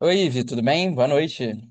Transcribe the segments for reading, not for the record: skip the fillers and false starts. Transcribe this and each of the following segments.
Oi, Ivi, tudo bem? Boa noite.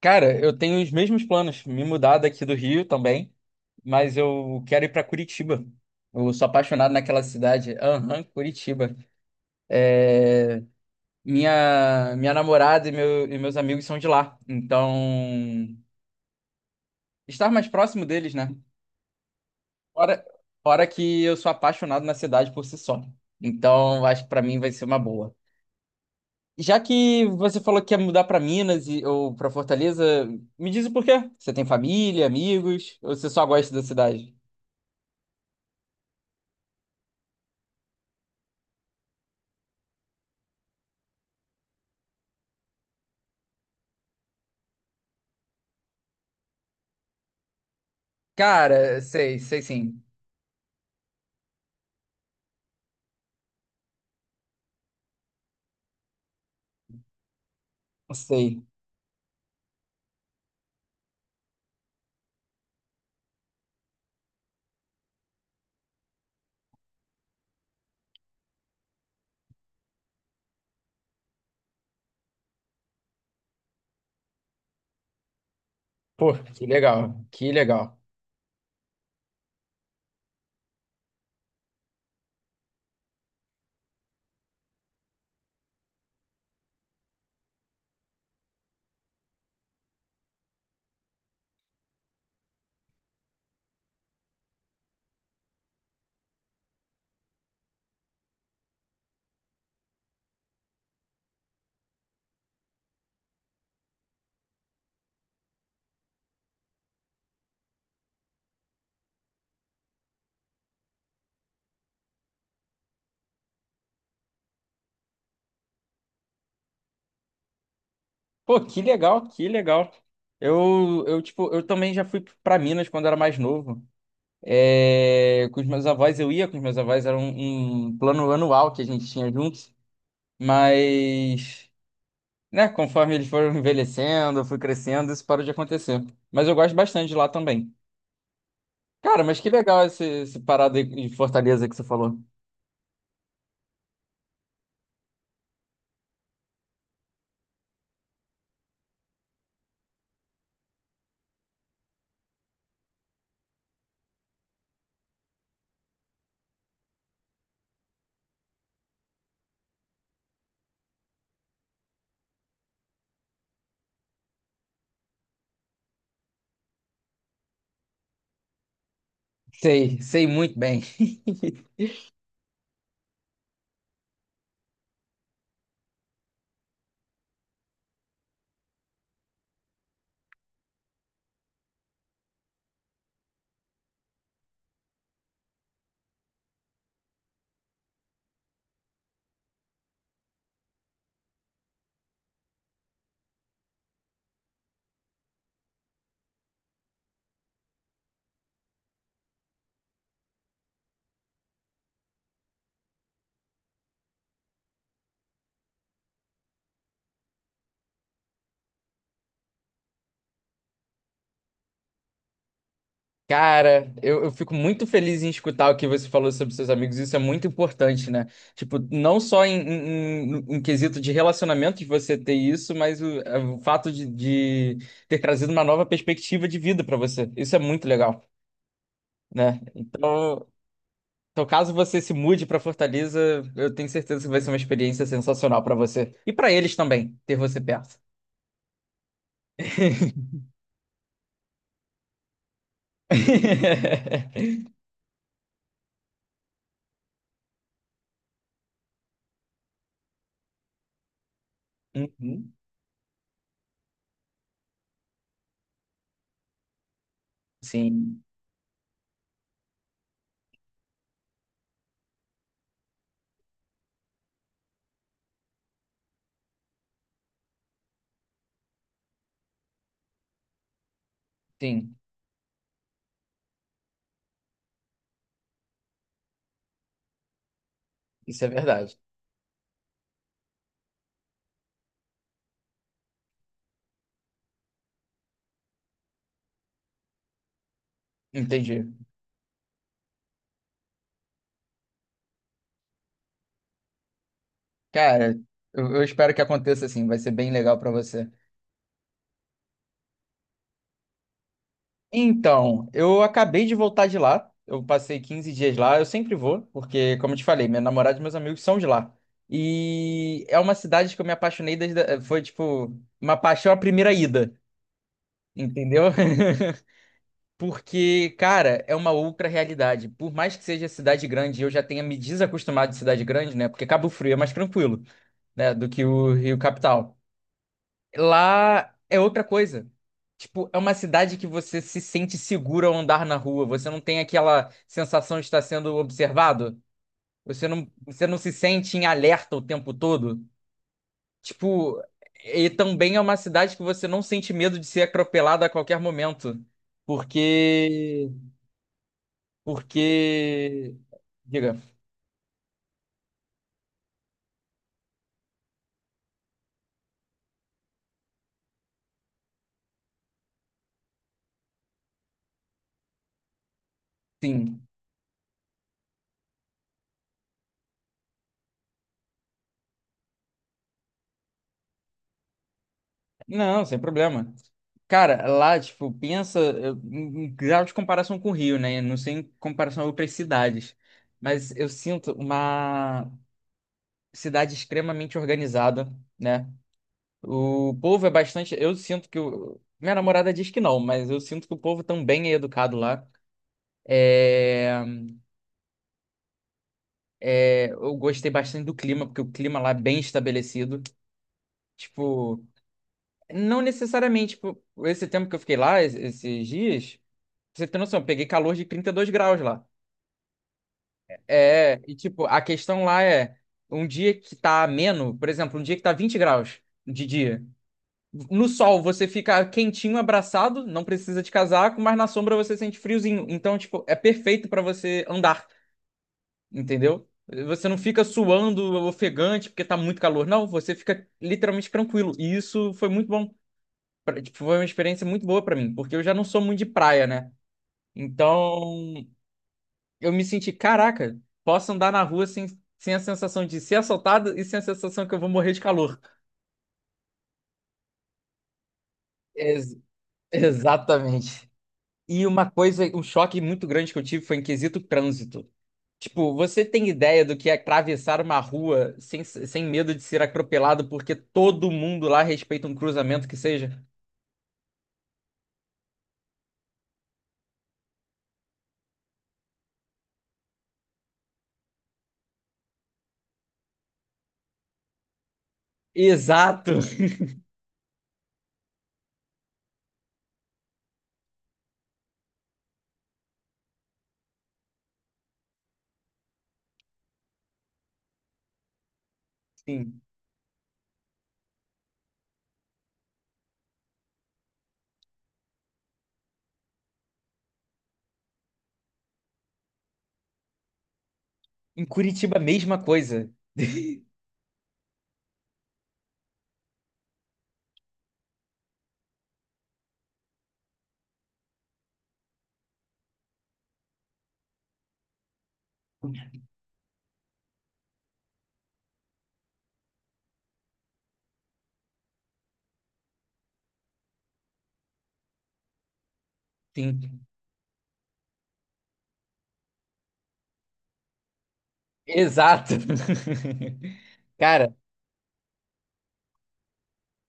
Cara, eu tenho os mesmos planos, me mudar daqui do Rio também, mas eu quero ir para Curitiba. Eu sou apaixonado naquela cidade. Aham, Curitiba. É, minha namorada e, meus amigos são de lá, então estar mais próximo deles, né? Fora, fora que eu sou apaixonado na cidade por si só. Então, acho que para mim vai ser uma boa. Já que você falou que ia mudar pra Minas ou pra Fortaleza, me diz o porquê. Você tem família, amigos, ou você só gosta da cidade? Cara, sei sim. Sei. Pô, que legal, que legal. Pô, que legal, que legal. Eu também já fui pra Minas quando era mais novo. É, com os meus avós, eu ia com os meus avós, era um plano anual que a gente tinha juntos. Mas, né? Conforme eles foram envelhecendo, eu fui crescendo, isso parou de acontecer. Mas eu gosto bastante de lá também. Cara, mas que legal esse parado aí de Fortaleza que você falou. Sei, sei muito bem. Cara, eu fico muito feliz em escutar o que você falou sobre seus amigos, isso é muito importante, né? Tipo, não só em quesito de relacionamento de você ter isso, mas o, é, o fato de ter trazido uma nova perspectiva de vida pra você. Isso é muito legal, né? Então. Então, caso você se mude para Fortaleza, eu tenho certeza que vai ser uma experiência sensacional para você. E para eles também, ter você perto. Uhum. Sim, sim, isso é verdade. Entendi. Cara, eu espero que aconteça assim, vai ser bem legal para você. Então, eu acabei de voltar de lá, eu passei 15 dias lá, eu sempre vou, porque, como eu te falei, minha namorada e meus amigos são de lá. E é uma cidade que eu me apaixonei desde, foi tipo, uma paixão à primeira ida. Entendeu? Porque, cara, é uma outra realidade. Por mais que seja cidade grande, eu já tenha me desacostumado de cidade grande, né? Porque Cabo Frio é mais tranquilo, né? Do que o Rio Capital. Lá é outra coisa. Tipo, é uma cidade que você se sente seguro ao andar na rua. Você não tem aquela sensação de estar sendo observado. Você não se sente em alerta o tempo todo. Tipo, e também é uma cidade que você não sente medo de ser atropelado a qualquer momento. Porque. Porque. Diga, sim. Não, sem problema. Cara, lá, tipo, pensa em grau de comparação com o Rio, né? Não sei em comparação a outras cidades. Mas eu sinto uma cidade extremamente organizada, né? O povo é bastante. Eu sinto que. Minha namorada diz que não, mas eu sinto que o povo também é educado lá. É... É, eu gostei bastante do clima, porque o clima lá é bem estabelecido. Tipo, não necessariamente, tipo, esse tempo que eu fiquei lá, esses dias, pra você ter noção, eu peguei calor de 32 graus lá. É, e tipo, a questão lá é um dia que tá ameno, por exemplo, um dia que tá 20 graus de dia. No sol você fica quentinho, abraçado, não precisa de casaco, mas na sombra você sente friozinho. Então, tipo, é perfeito pra você andar. Entendeu? Você não fica suando, ofegante, porque tá muito calor. Não, você fica literalmente tranquilo. E isso foi muito bom. Tipo, foi uma experiência muito boa pra mim, porque eu já não sou muito de praia, né? Então, eu me senti, caraca, posso andar na rua sem, sem a sensação de ser assaltado e sem a sensação que eu vou morrer de calor. Ex- Exatamente. E uma coisa, um choque muito grande que eu tive foi em quesito trânsito. Tipo, você tem ideia do que é atravessar uma rua sem, sem medo de ser atropelado porque todo mundo lá respeita um cruzamento que seja? Exato! Sim. Em Curitiba, a mesma coisa. Sim. Exato! Cara.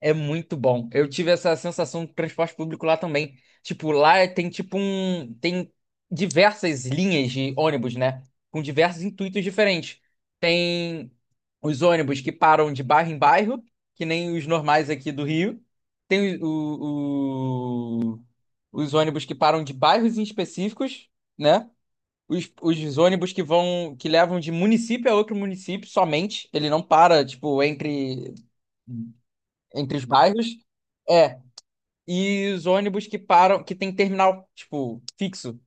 É muito bom. Eu tive essa sensação do transporte público lá também. Tipo, lá é, tem tipo um. Tem diversas linhas de ônibus, né? Com diversos intuitos diferentes. Tem os ônibus que param de bairro em bairro, que nem os normais aqui do Rio. Tem os ônibus que param de bairros em específicos, né? Os ônibus que vão, que levam de município a outro município somente. Ele não para, tipo, entre os bairros. É. E os ônibus que param, que tem terminal, tipo, fixo.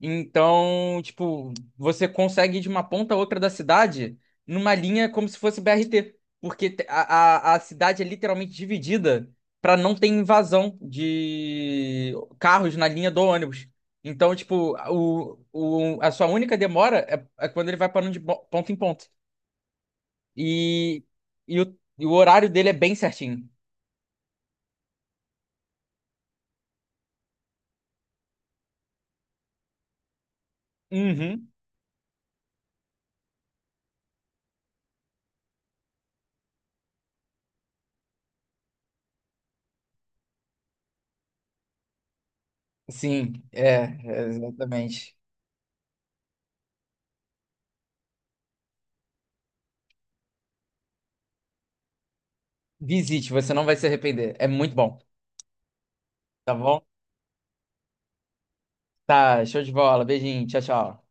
Então, tipo, você consegue ir de uma ponta a outra da cidade numa linha como se fosse BRT. Porque a cidade é literalmente dividida para não ter invasão de carros na linha do ônibus. Então, tipo, a sua única demora é, é quando ele vai parando de ponto em ponto. E, e o horário dele é bem certinho. Uhum. Sim, exatamente. Visite, você não vai se arrepender. É muito bom? Tá, show de bola. Beijinho, tchau, tchau.